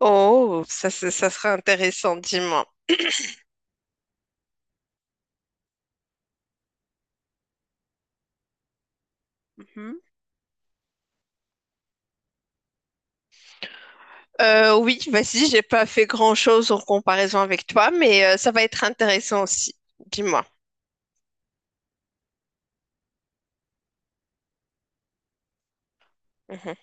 Oh, ça, ça sera intéressant, dis-moi. Mhm. Oui, vas-y, j'ai pas fait grand-chose en comparaison avec toi, mais ça va être intéressant aussi. Dis-moi. Mhm,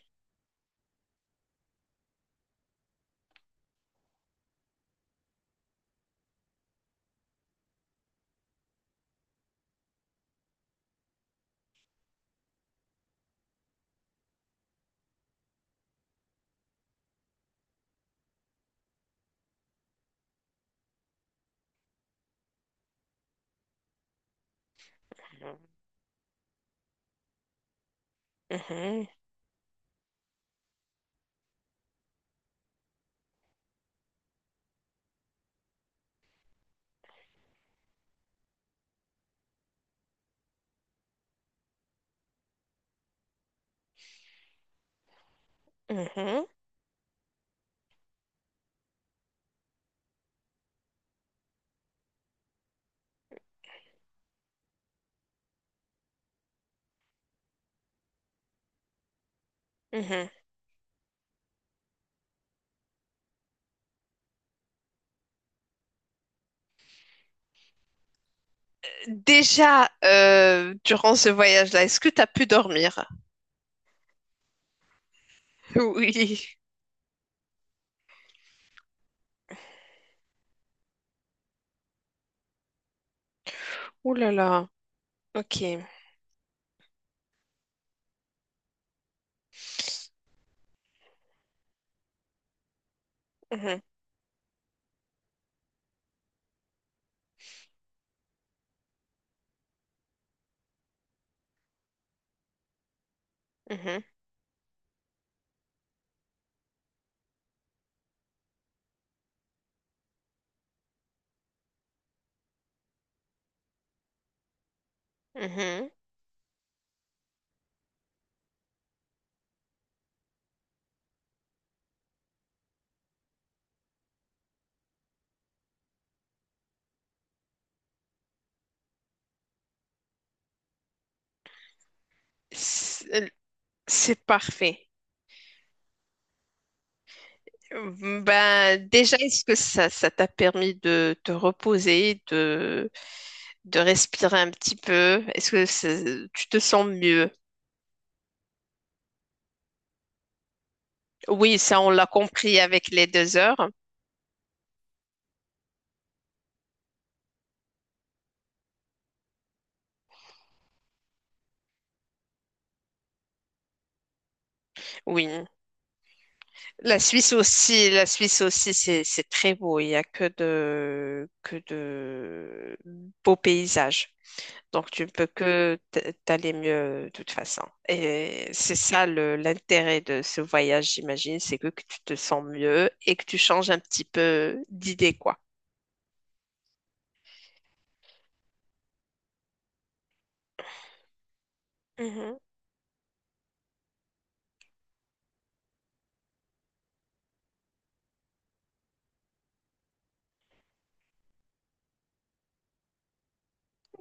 mhm, mhm, mhm. Déjà, durant ce voyage-là, est-ce que tu as pu dormir? Oui. Ouh là là. Ok. Mhm, mhm, mhm. C'est c'est parfait. Ben, déjà, est-ce que ça t'a permis de te reposer, de respirer un petit peu. Tu te sens mieux? Oui, ça on l'a compris avec les deux heures. Oui. La Suisse aussi, c'est très beau. Il y a que de beaux paysages. Donc tu ne peux que t'aller mieux de toute façon. Et c'est ça le l'intérêt de ce voyage, j'imagine, c'est que tu te sens mieux et que tu changes un petit peu d'idée, quoi. Mhm.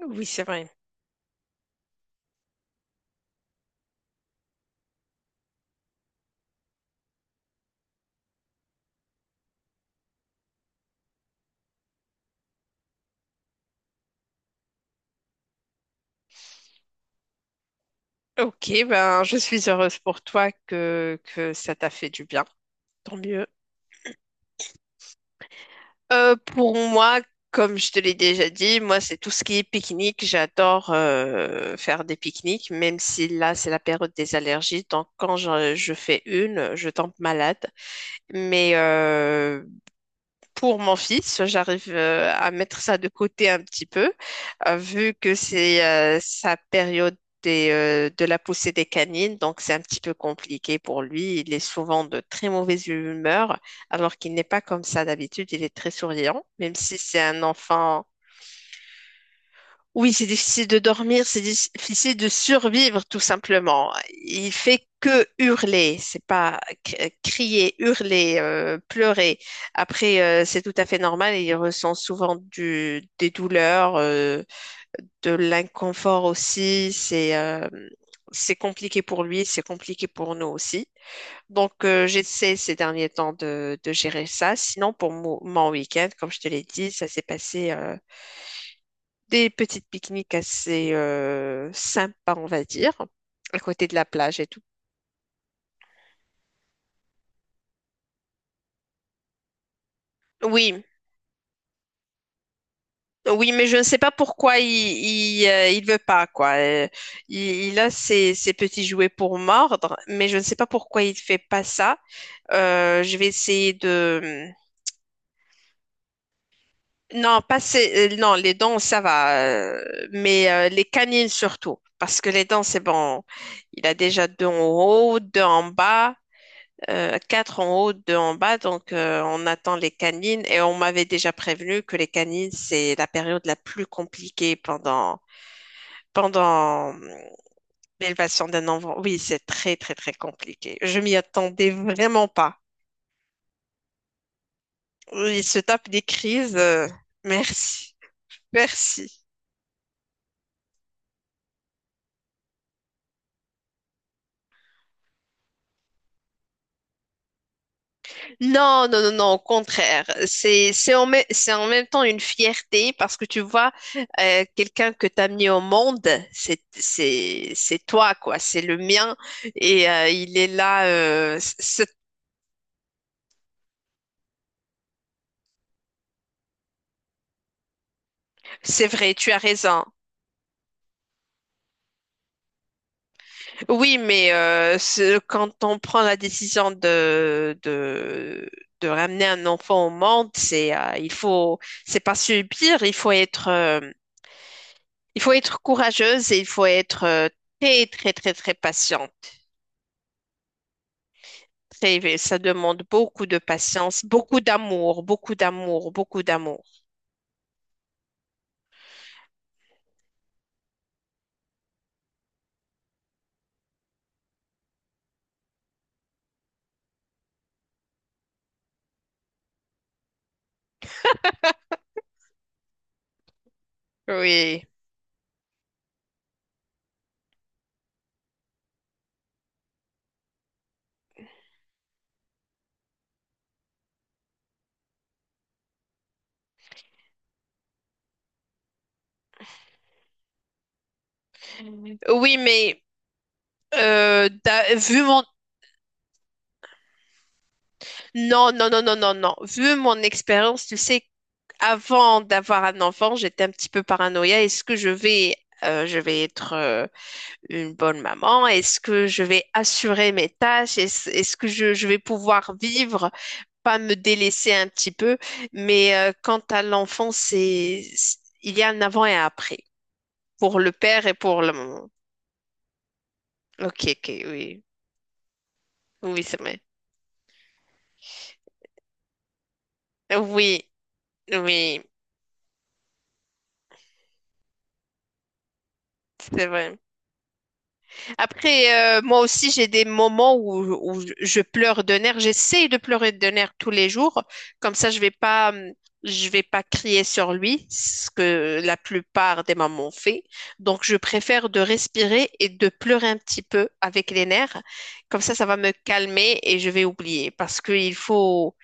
Oui, c'est vrai. Ok, ben je suis heureuse pour toi que ça t'a fait du bien. Tant mieux. Pour moi, comme je te l'ai déjà dit, moi c'est tout ce qui est pique-nique. J'adore faire des pique-niques, même si là c'est la période des allergies. Donc quand je fais une, je tombe malade. Mais pour mon fils, j'arrive à mettre ça de côté un petit peu, vu que c'est sa période des, de la poussée des canines, donc c'est un petit peu compliqué pour lui. Il est souvent de très mauvaise humeur, alors qu'il n'est pas comme ça d'habitude. Il est très souriant, même si c'est un enfant. Oui, c'est difficile de dormir, c'est difficile de survivre tout simplement. Il fait que hurler, c'est pas c- crier, hurler, pleurer. Après, c'est tout à fait normal et il ressent souvent des douleurs, de l'inconfort aussi. C'est compliqué pour lui, c'est compliqué pour nous aussi. Donc, j'essaie ces derniers temps de gérer ça. Sinon, pour mon week-end, comme je te l'ai dit, ça s'est passé. Des petites pique-niques assez sympas, on va dire, à côté de la plage et tout. Oui, oui, mais je ne sais pas pourquoi il veut pas quoi. Il a ses, ses petits jouets pour mordre, mais je ne sais pas pourquoi il fait pas ça. Je vais essayer de... Hmm, non, pas ces- non, les dents ça va, mais les canines surtout parce que les dents c'est bon. Il a déjà deux en haut, deux en bas. Quatre en haut, deux en bas, donc on attend les canines et on m'avait déjà prévenu que les canines, c'est la période la plus compliquée pendant, pendant l'élevation d'un enfant. Oui, c'est très, très, très compliqué. Je m'y attendais vraiment pas. Ils se tapent des crises. Merci. Merci. Non, non, non, non, au contraire. C'est en même temps une fierté parce que tu vois, quelqu'un que tu as mis au monde, c'est toi, quoi. C'est le mien et il est là. C'est... C'est vrai, tu as raison. Oui, mais quand on prend la décision de ramener un enfant au monde, c'est pas subir, il faut être courageuse et il faut être très, très, très, très patiente. Très Ça demande beaucoup de patience, beaucoup d'amour, beaucoup d'amour, beaucoup d'amour. Oui. Oui, mais vu mon... Non, non, non, non, non, non. Vu mon expérience, tu sais, avant d'avoir un enfant, j'étais un petit peu paranoïa. Est-ce que je vais... Je vais être une bonne maman. Est-ce que je vais assurer mes tâches? Est-ce que je vais pouvoir vivre, pas me délaisser un petit peu? Mais quant à l'enfant, il y a un avant et un après. Pour le père et pour la maman. Ok, ok, oui. Oui, c'est vrai. Oui, oui, c'est vrai. Après, moi aussi, j'ai des moments où, où je pleure de nerfs. J'essaye de pleurer de nerfs tous les jours. Comme ça, je vais pas crier sur lui, ce que la plupart des mamans fait. Donc, je préfère de respirer et de pleurer un petit peu avec les nerfs. Comme ça va me calmer et je vais oublier. Parce qu'il faut...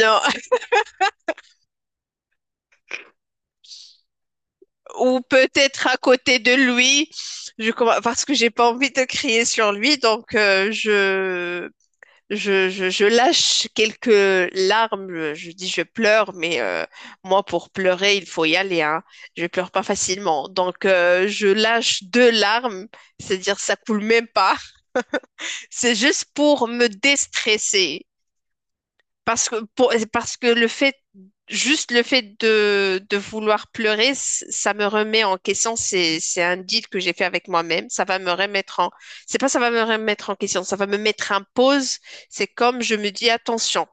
Non, ou peut-être à côté de lui, parce que j'ai pas envie de crier sur lui, donc je lâche quelques larmes, je dis je pleure, mais moi pour pleurer, il faut y aller, hein. Je pleure pas facilement, donc je lâche deux larmes, c'est-à-dire ça coule même pas, c'est juste pour me déstresser. Parce que le fait, juste le fait de vouloir pleurer, ça me remet en question. C'est un deal que j'ai fait avec moi-même. Ça va me remettre en, C'est pas ça va me remettre en question, ça va me mettre en pause. C'est comme je me dis, attention,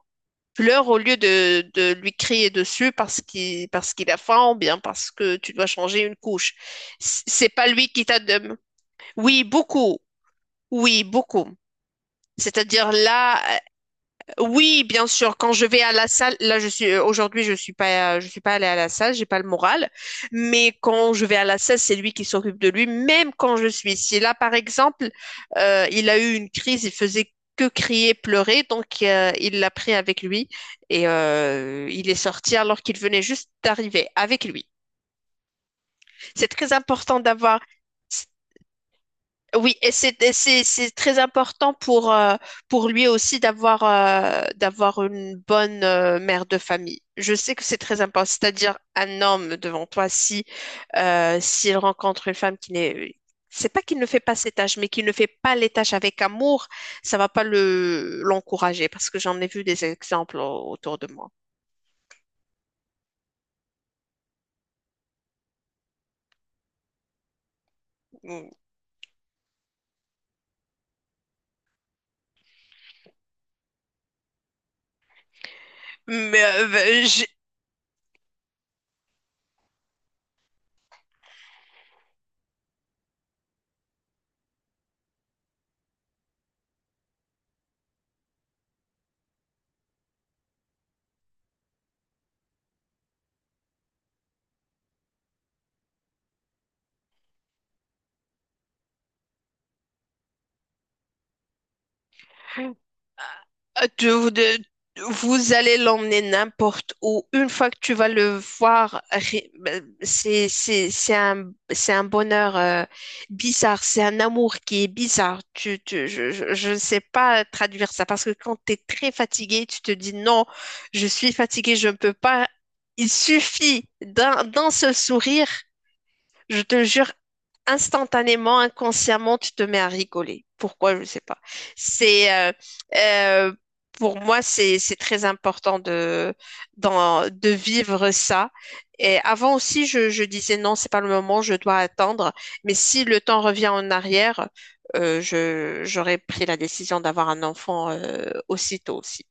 pleure au lieu de lui crier dessus parce qu'il a faim ou bien parce que tu dois changer une couche. C'est pas lui qui t'a de... Oui, beaucoup. Oui, beaucoup. C'est-à-dire là, oui, bien sûr. Quand je vais à la salle, là je suis aujourd'hui je suis pas allée à la salle, j'ai pas le moral. Mais quand je vais à la salle, c'est lui qui s'occupe de lui, même quand je suis ici. Là, par exemple, il a eu une crise, il faisait que crier, pleurer, donc il l'a pris avec lui et il est sorti alors qu'il venait juste d'arriver avec lui. C'est très important d'avoir. Oui, et c'est très important pour lui aussi d'avoir d'avoir une bonne mère de famille. Je sais que c'est très important, c'est-à-dire un homme devant toi, si s'il rencontre une femme qui n'est... C'est pas qu'il ne fait pas ses tâches, mais qu'il ne fait pas les tâches avec amour, ça va pas le l'encourager, parce que j'en ai vu des exemples autour de moi. Mm. Mais euh... Euh, tu- vous, de- Vous allez l'emmener n'importe où. Une fois que tu vas le voir, ri- ben, c'est un bonheur bizarre. C'est un amour qui est bizarre. Je ne sais pas traduire ça parce que quand tu es très fatigué, tu te dis non, je suis fatigué, je ne peux pas. Il suffit d'un, d'un seul sourire. Je te jure, instantanément, inconsciemment, tu te mets à rigoler. Pourquoi, je ne sais pas. C'est euh, pour moi, c'est très important de de vivre ça. Et avant aussi, je disais non, c'est pas le moment, je dois attendre. Mais si le temps revient en arrière, je j'aurais pris la décision d'avoir un enfant aussitôt aussi.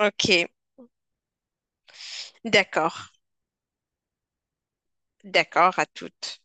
Ok, d'accord, d'accord à toutes.